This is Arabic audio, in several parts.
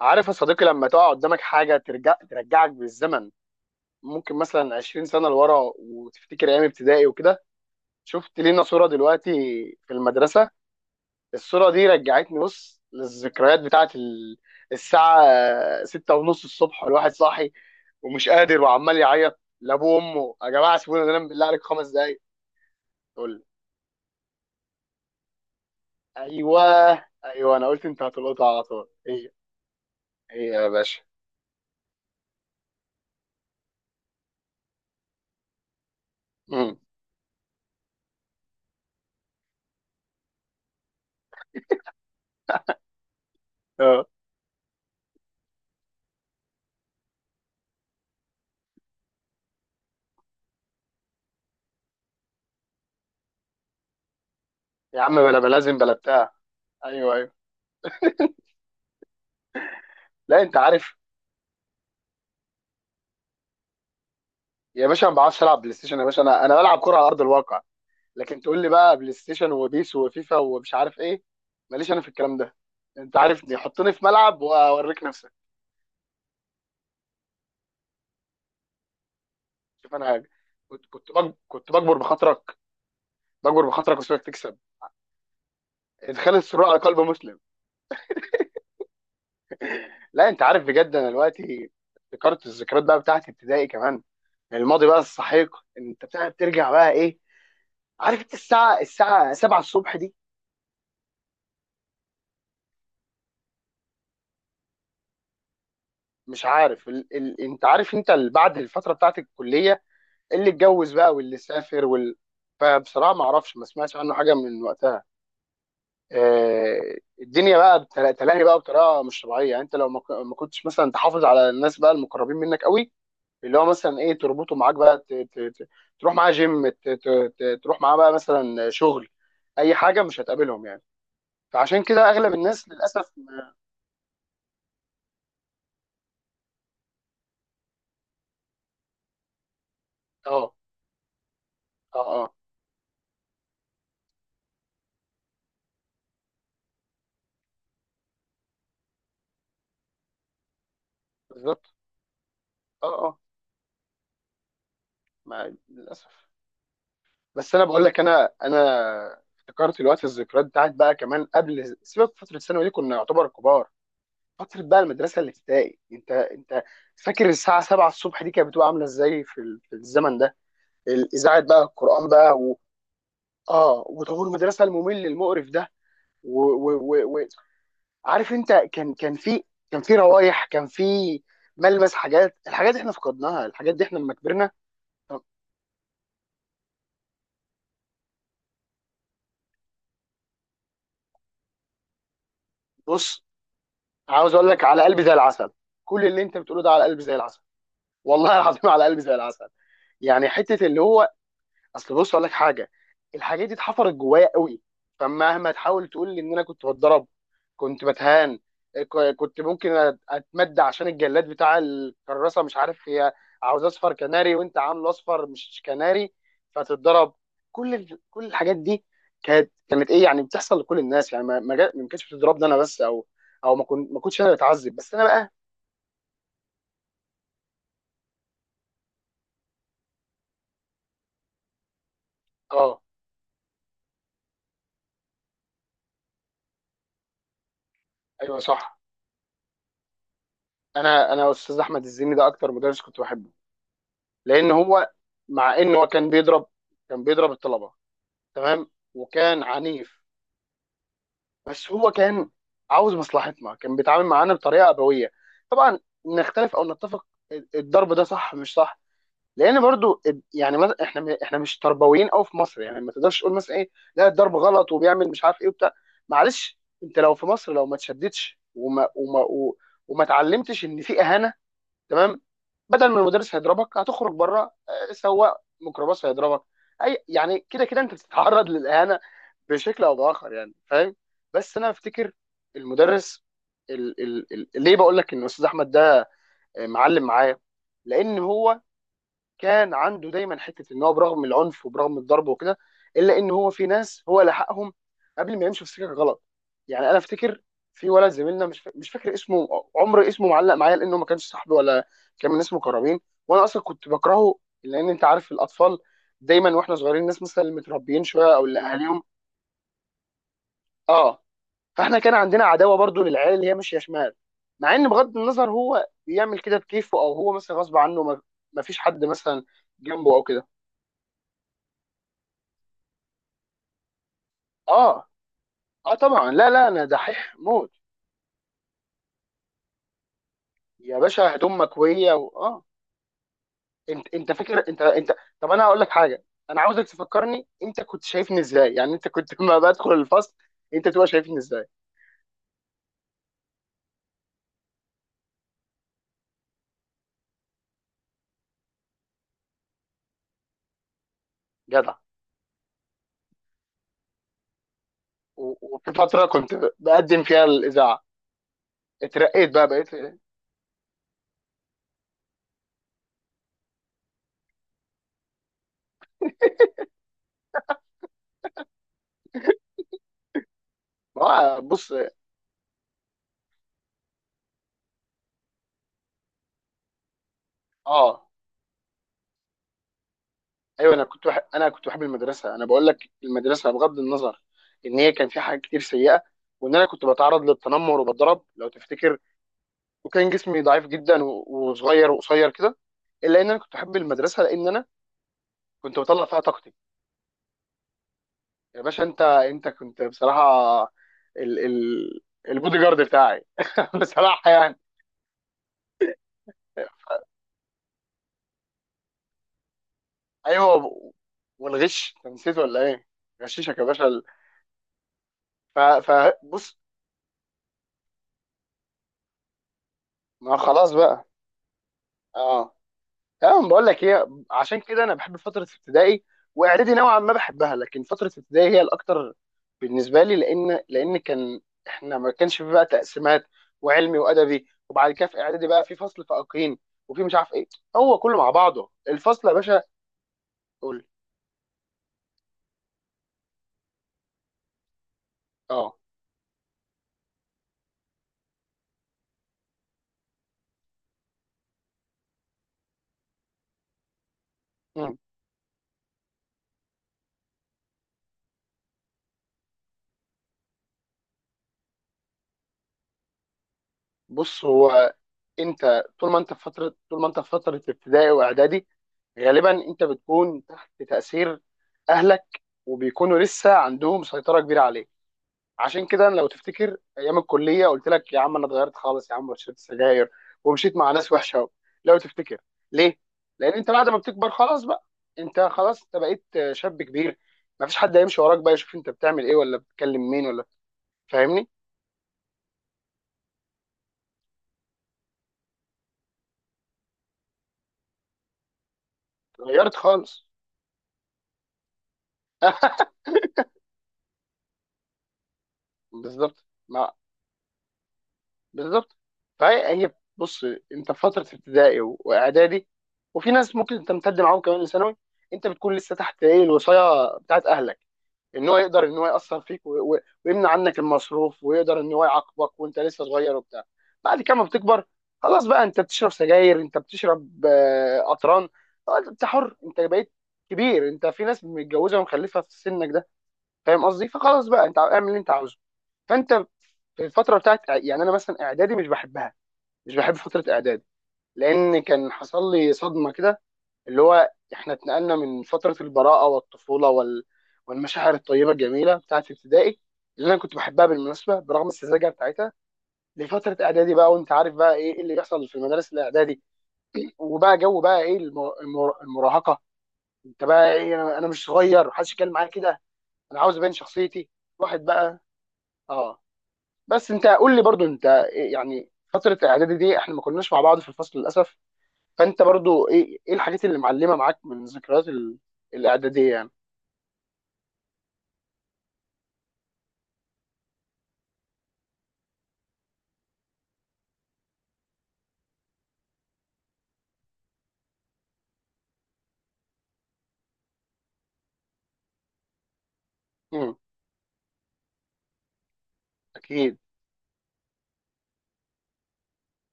عارف يا صديقي لما تقع قدامك حاجة ترجعك بالزمن. ممكن مثلا 20 سنة لورا، وتفتكر أيام ابتدائي وكده. شفت لينا صورة دلوقتي في المدرسة. الصورة دي رجعتني، بص للذكريات بتاعت الساعة 6:30 الصبح، والواحد صاحي ومش قادر وعمال يعيط لأبوه وأمه: يا جماعة سيبونا ننام، بالله عليك 5 دقايق. تقول لي، أيوه، أيوه أنا قلت أنت هتلقطها على طول. هي، هي يا باشا. مم. أه. يا عم بلا بلازم بلا بتاع. أيوه، أيوه. لا، أنت عارف. يا باشا ما بعرفش العب بلاي ستيشن، يا باشا انا بلعب كوره على ارض الواقع. لكن تقول لي بقى بلاي ستيشن وبيس وفيفا ومش عارف ايه. ماليش انا في الكلام ده. انت عارفني، حطني في ملعب واوريك نفسك. شوف انا حاجه، كنت بجبر بخاطرك، بجبر بخاطرك وسيبك تكسب. ادخال السرور على قلب مسلم. لا، انت عارف بجد، انا دلوقتي افتكرت الذكريات بقى بتاعت ابتدائي كمان. الماضي بقى السحيق، انت بتاع بترجع بقى ايه. عارف انت الساعه 7 الصبح دي. مش عارف انت عارف انت بعد الفتره بتاعت الكليه، اللي اتجوز بقى واللي سافر فبصراحه ما اعرفش، ما سمعتش عنه حاجه من وقتها. الدنيا بقى تلاهي بقى بطريقه مش طبيعيه. يعني انت لو ما كنتش مثلا تحافظ على الناس بقى المقربين منك قوي، اللي هو مثلا ايه تربطه معاك بقى تروح معاه جيم، تروح معاه بقى مثلا شغل، اي حاجه مش هتقابلهم يعني. فعشان كده اغلب الناس للاسف اه، اه، اه. بالظبط، اه، اه. ما للاسف. بس انا بقول لك، انا افتكرت الذكريات بتاعت بقى كمان. قبل سيبك فتره الثانوي دي كنا يعتبر كبار. فتره بقى المدرسه الابتدائي، انت فاكر الساعه 7 الصبح دي كانت بتبقى عامله ازاي في الزمن ده؟ الاذاعه بقى، القران بقى اه، وطابور المدرسه الممل المقرف ده و... و... و... و... عارف انت كان في، كان في روايح، كان في ملمس الحاجات دي احنا فقدناها، الحاجات دي احنا لما كبرنا. طب بص، عاوز اقول لك على قلبي زي العسل. كل اللي انت بتقوله ده على قلبي زي العسل، والله العظيم على قلبي زي العسل. يعني حته اللي هو، اصل بص اقول لك حاجه: الحاجات دي اتحفرت جوايا قوي. فمهما تحاول تقول لي ان انا كنت بتضرب، كنت بتهان، كنت ممكن اتمد عشان الجلاد بتاع الكراسه، مش عارف، هي عاوز اصفر كناري وانت عامله اصفر مش كناري فتتضرب. كل الحاجات دي كانت ايه يعني، بتحصل لكل الناس. يعني ما كانتش بتضربني انا بس، او او ما كنتش انا بتعذب بس انا بقى. اه، ايوه صح. انا استاذ احمد الزيني ده اكتر مدرس كنت بحبه، لان هو مع ان هو كان بيضرب الطلبه، تمام، وكان عنيف، بس هو كان عاوز مصلحتنا، كان بيتعامل معانا بطريقه ابويه. طبعا نختلف او نتفق الضرب ده صح مش صح، لان برضو يعني احنا مش تربويين قوي في مصر. يعني ما تقدرش تقول مثلا ايه: لا الضرب غلط وبيعمل مش عارف ايه وبتاع. معلش، انت لو في مصر، لو ما تشددش وما اتعلمتش ان في اهانه، تمام، بدل ما المدرس هيضربك هتخرج بره، سواق ميكروباص هيضربك. اي يعني كده كده انت بتتعرض للاهانه بشكل او باخر، يعني فاهم. بس انا افتكر المدرس، ال ال ال ليه بقول لك ان استاذ احمد ده معلم معايا، لان هو كان عنده دايما حته ان هو برغم العنف وبرغم الضرب وكده، الا ان هو في ناس هو لحقهم قبل ما يمشوا في سكه غلط. يعني انا افتكر في ولد زميلنا مش فاكر اسمه، عمر اسمه، معلق معايا لانه ما كانش صاحبي ولا كان من ناس مقربين، وانا اصلا كنت بكرهه. لان انت عارف الاطفال دايما، واحنا صغيرين، الناس مثلا اللي متربيين شويه او اللي اهاليهم. اه. فاحنا كان عندنا عداوه برضو للعيال اللي هي ماشيه شمال، مع ان بغض النظر هو بيعمل كده بكيفه او هو مثلا غصب عنه، ما فيش حد مثلا جنبه او كده. اه، اه، طبعا، لا، لا، انا دحيح موت. يا باشا هدوم مكويه اه. انت فاكر، انت انت طب انا هقول لك حاجه، انا عاوزك تفكرني، انت كنت شايفني ازاي يعني، انت كنت لما بدخل الفصل انت تبقى شايفني ازاي؟ جدع و... وفي فتره كنت بقدم فيها الاذاعه، اترقيت بقى، بقيت ما. هو بص، اه، ايوه، انا كنت بحب المدرسه. انا بقول لك، المدرسه بغض النظر ان هي كان فيها حاجات كتير سيئه، وان انا كنت بتعرض للتنمر وبتضرب لو تفتكر، وكان جسمي ضعيف جدا وصغير وقصير كده، الا ان انا كنت بحب المدرسه لان انا كنت بطلع فيها طاقتي. يا باشا، انت كنت بصراحه ال البودي جارد بتاعي بصراحه يعني. ايوه، والغش أنت نسيت ولا ايه؟ غششك يا باشا فبص، ما خلاص بقى. اه، اه، بقول لك ايه: عشان كده انا بحب فتره ابتدائي، واعدادي نوعا ما بحبها، لكن فتره ابتدائي هي الاكتر بالنسبه لي، لان كان احنا ما كانش في بقى تقسيمات وعلمي وادبي. وبعد كده في اعدادي بقى في فصل فائقين وفي مش عارف ايه. هو كله مع بعضه الفصل يا باشا. قول. اه. مم. بص هو، انت طول ما انت في فتره ابتدائي واعدادي غالبا انت بتكون تحت تاثير اهلك، وبيكونوا لسه عندهم سيطره كبيره عليك. عشان كده أنا لو تفتكر ايام الكليه قلت لك: يا عم انا اتغيرت خالص يا عم وشربت سجاير ومشيت مع ناس وحشه أوي. لو تفتكر، ليه؟ لان انت بعد ما بتكبر خلاص بقى، انت خلاص انت بقيت شاب كبير، مفيش حد هيمشي وراك بقى يشوف انت بتعمل ايه ولا بتكلم مين ولا. فاهمني؟ اتغيرت خالص. بالظبط ما بالظبط. فهي بص، انت في فتره ابتدائي واعدادي، وفي ناس ممكن تمتد معاهم كمان لثانوي، انت بتكون لسه تحت ايه الوصايه بتاعت اهلك، ان هو يقدر ان هو ياثر فيك ويمنع عنك المصروف، ويقدر ان هو يعاقبك وانت لسه صغير وبتاع. بعد كده ما بتكبر، خلاص بقى انت بتشرب سجاير، انت بتشرب قطران. خلاص، انت حر، انت بقيت كبير، انت في ناس متجوزه ومخلفه في سنك ده، فاهم قصدي؟ فخلاص بقى انت اعمل اللي انت عاوزه. فانت في الفتره بتاعت، يعني انا مثلا اعدادي مش بحبها، مش بحب فتره اعدادي، لان كان حصل لي صدمه كده، اللي هو احنا اتنقلنا من فتره البراءه والطفوله والمشاعر الطيبه الجميله بتاعت ابتدائي، اللي انا كنت بحبها بالمناسبه برغم السذاجه بتاعتها، لفتره اعدادي بقى. وانت عارف بقى إيه اللي بيحصل في المدارس الاعدادي، وبقى جو بقى ايه المراهقه. انت بقى ايه، أنا مش صغير، محدش يتكلم معايا كده، انا عاوز ابين شخصيتي، واحد بقى. اه. بس انت قول لي برضو انت إيه يعني، فتره اعدادي دي احنا ما كناش مع بعض في الفصل للاسف، فانت برضو ايه الحاجات اللي معلمه معاك من ذكريات الاعداديه يعني. مم. اكيد.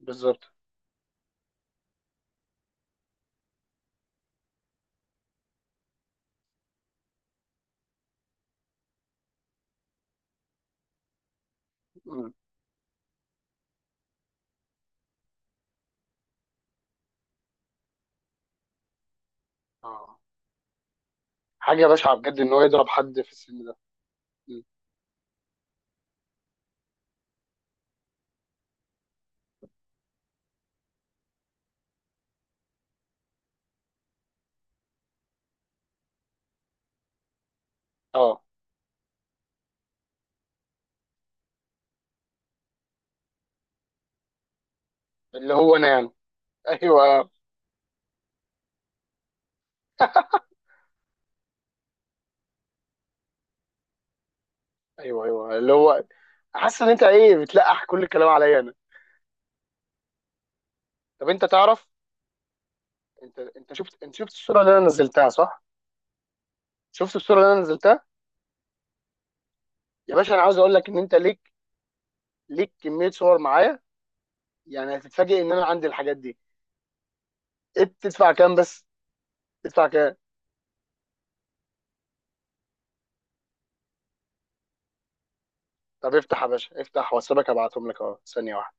بالظبط. مم. اه، حاجه بشعه بجد ان هو يضرب حد في السن ده. مم. اه، اللي هو انا يعني. ايوه، ايوه، ايوه، اللي هو حاسس ان انت ايه بتلقح كل الكلام عليا انا. طب انت تعرف، انت شفت الصوره اللي انا نزلتها صح؟ شفت الصوره اللي انا نزلتها. يا باشا انا عاوز اقول لك ان انت ليك كميه صور معايا، يعني هتتفاجئ ان انا عندي الحاجات دي. إيه، تدفع كام بس؟ تدفع كام؟ طب افتح يا باشا، افتح واتسابك ابعتهم لك اهو ثانيه واحده.